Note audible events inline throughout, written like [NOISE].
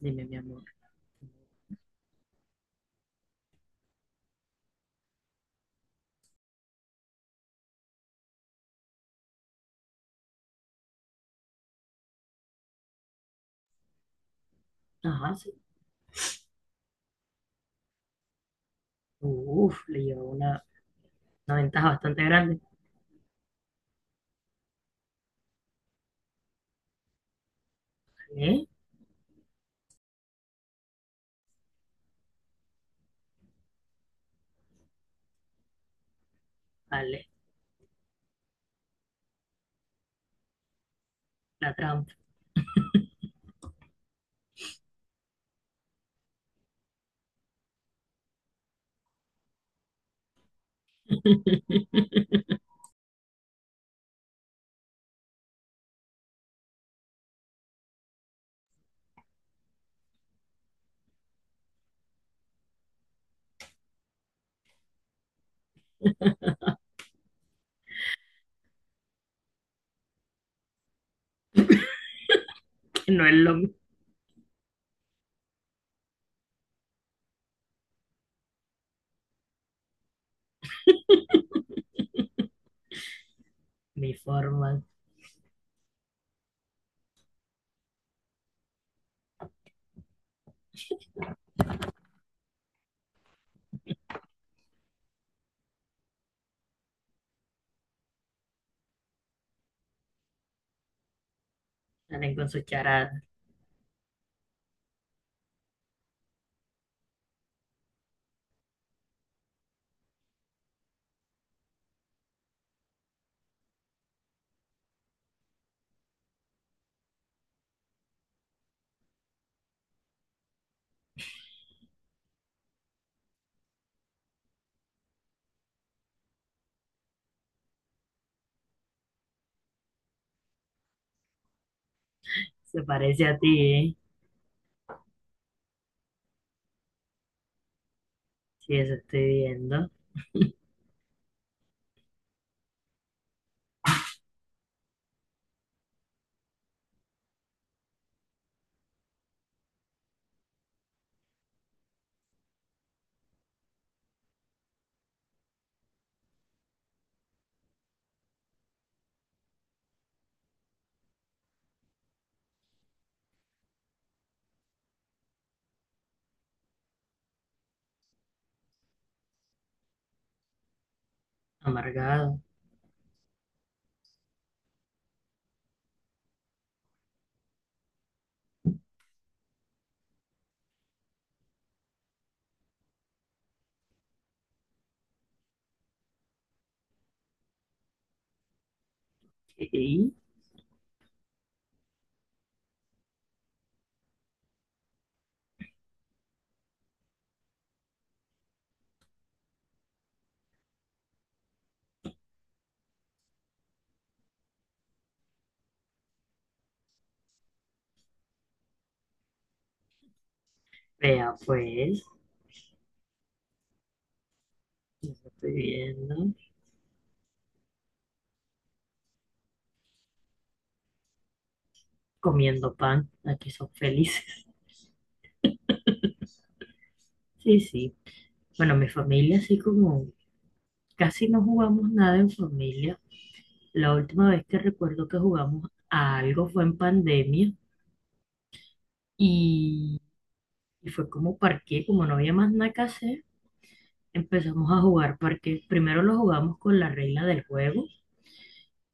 Dime, mi amor. Ajá, sí. Uf, le lleva una ventaja bastante grande. Vale, vale. La trampa, [LAUGHS] que no es lo mi mi forma. Salen con sus charadas. Se parece a ti, ¿eh? Sí, eso estoy viendo. Amargado. Sí, vea pues, lo estoy viendo. Comiendo pan. Aquí son felices. [LAUGHS] Sí, sí. Bueno, mi familia así como casi no jugamos nada en familia. La última vez que recuerdo que jugamos a algo fue en pandemia. Y y fue como parqué, como no había más nada que hacer, empezamos a jugar parqué. Primero lo jugamos con la regla del juego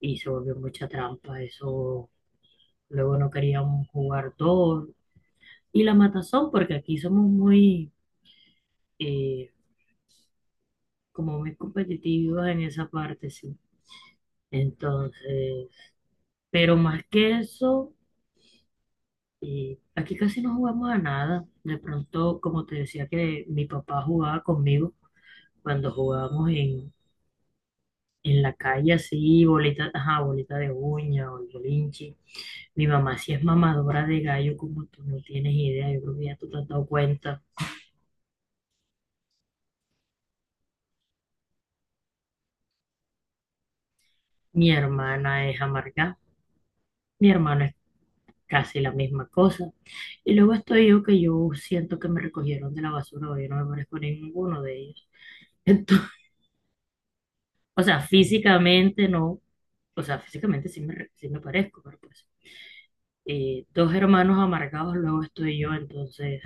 y se volvió mucha trampa. Eso luego no queríamos jugar dos. Y la matazón, porque aquí somos muy, eh, como muy competitivos en esa parte, sí. Entonces, pero más que eso, aquí casi no jugamos a nada. De pronto, como te decía que mi papá jugaba conmigo cuando jugábamos en la calle así, bolita, ajá, bolita de uña o el bolinchi. Mi mamá sí es mamadora de gallo, como tú no tienes idea. Yo creo que ya tú te has dado cuenta. Mi hermana es amargada. Mi hermano es casi la misma cosa. Y luego estoy yo que yo siento que me recogieron de la basura o yo no me parezco a ninguno de ellos. Entonces, [LAUGHS] o sea, físicamente no. O sea, físicamente sí me, re- sí me parezco, pero pues. Dos hermanos amargados, luego estoy yo, entonces.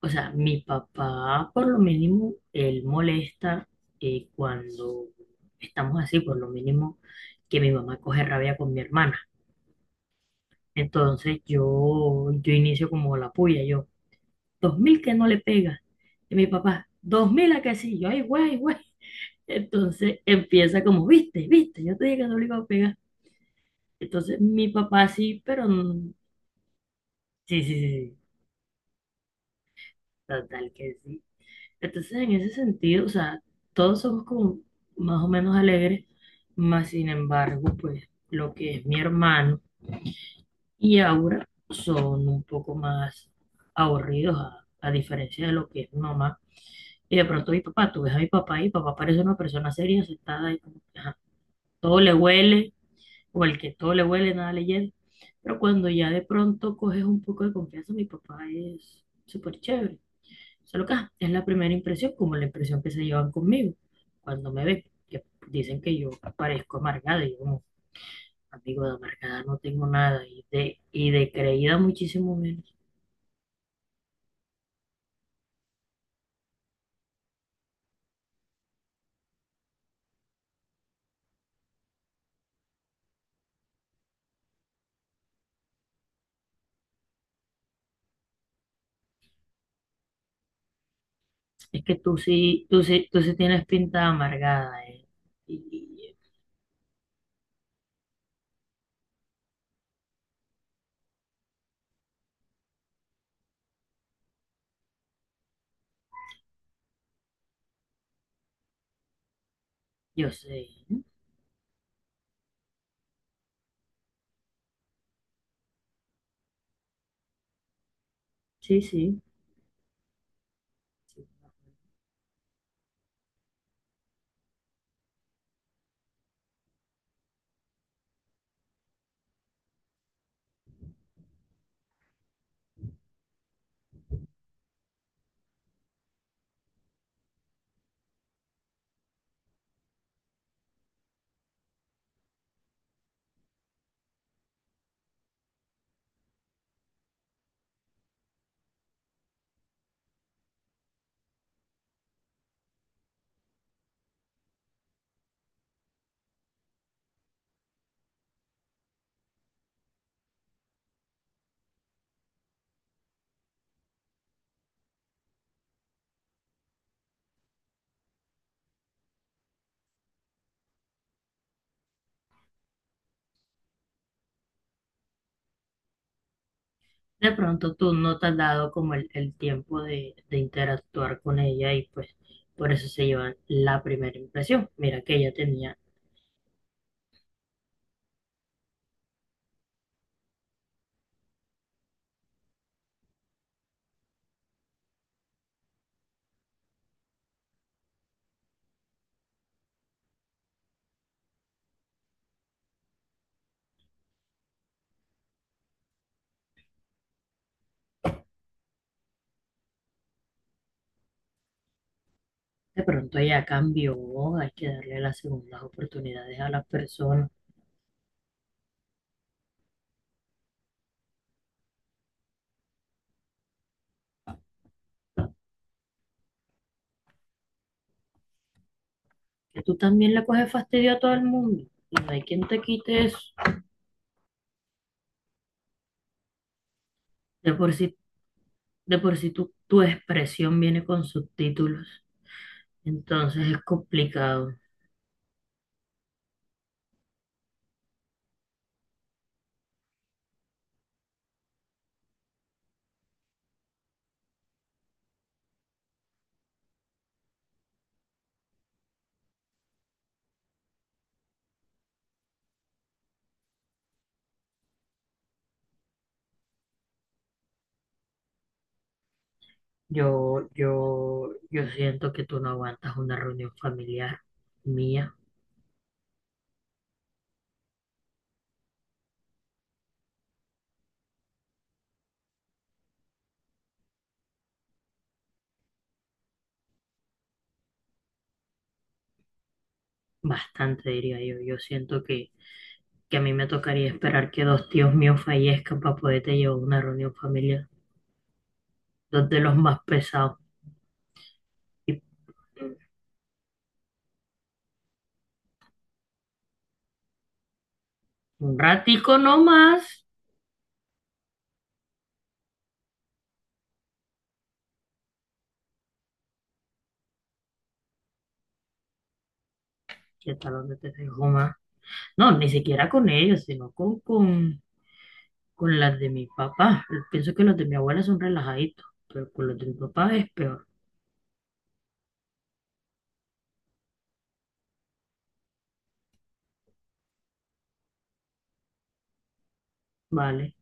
O sea, mi papá, por lo mínimo, él molesta cuando estamos así, por lo mínimo, que mi mamá coge rabia con mi hermana. Entonces yo inicio como la puya, yo, 2000 que no le pega. Y mi papá, 2000 a que sí, yo, ay, güey, ay, güey. Entonces empieza como, viste, viste, yo te dije que no le iba a pegar. Entonces mi papá sí, pero sí, sí, sí, sí, total que sí. Entonces, en ese sentido, o sea, todos somos como más o menos alegres, más sin embargo, pues lo que es mi hermano y Aura son un poco más aburridos, a diferencia de lo que es mi mamá. Y de pronto mi papá, tú ves a mi papá y mi papá parece una persona seria, sentada y como que, ajá, todo le huele, o el que todo le huele, nada le llega. Pero cuando ya de pronto coges un poco de confianza, mi papá es súper chévere. Solo que ajá, es la primera impresión, como la impresión que se llevan conmigo cuando me ven, que dicen que yo parezco amargada, y yo como amigo de amargada no tengo nada, y de creída muchísimo menos. Es que tú sí tienes pinta de amargada, eh. Y, y yo sé, ¿eh? Sí, sí. Sí. De pronto tú no te has dado como el tiempo de interactuar con ella y pues por eso se llevan la primera impresión. Mira que ella tenía. De pronto ella cambió, hay que darle las segundas oportunidades a las personas. Que tú también le coges fastidio a todo el mundo y no hay quien te quite eso. De por sí, de por sí tu expresión viene con subtítulos, entonces es complicado. Yo siento que tú no aguantas una reunión familiar mía, bastante diría yo. Yo siento que a mí me tocaría esperar que dos tíos míos fallezcan para poderte llevar a una reunión familiar, dos de los más pesados. Y un ratico nomás, que hasta donde te dejo más. No, ni siquiera con ellos, sino con las de mi papá. Pienso que los de mi abuela son relajaditos, pero con los de mi papá es peor. Vale.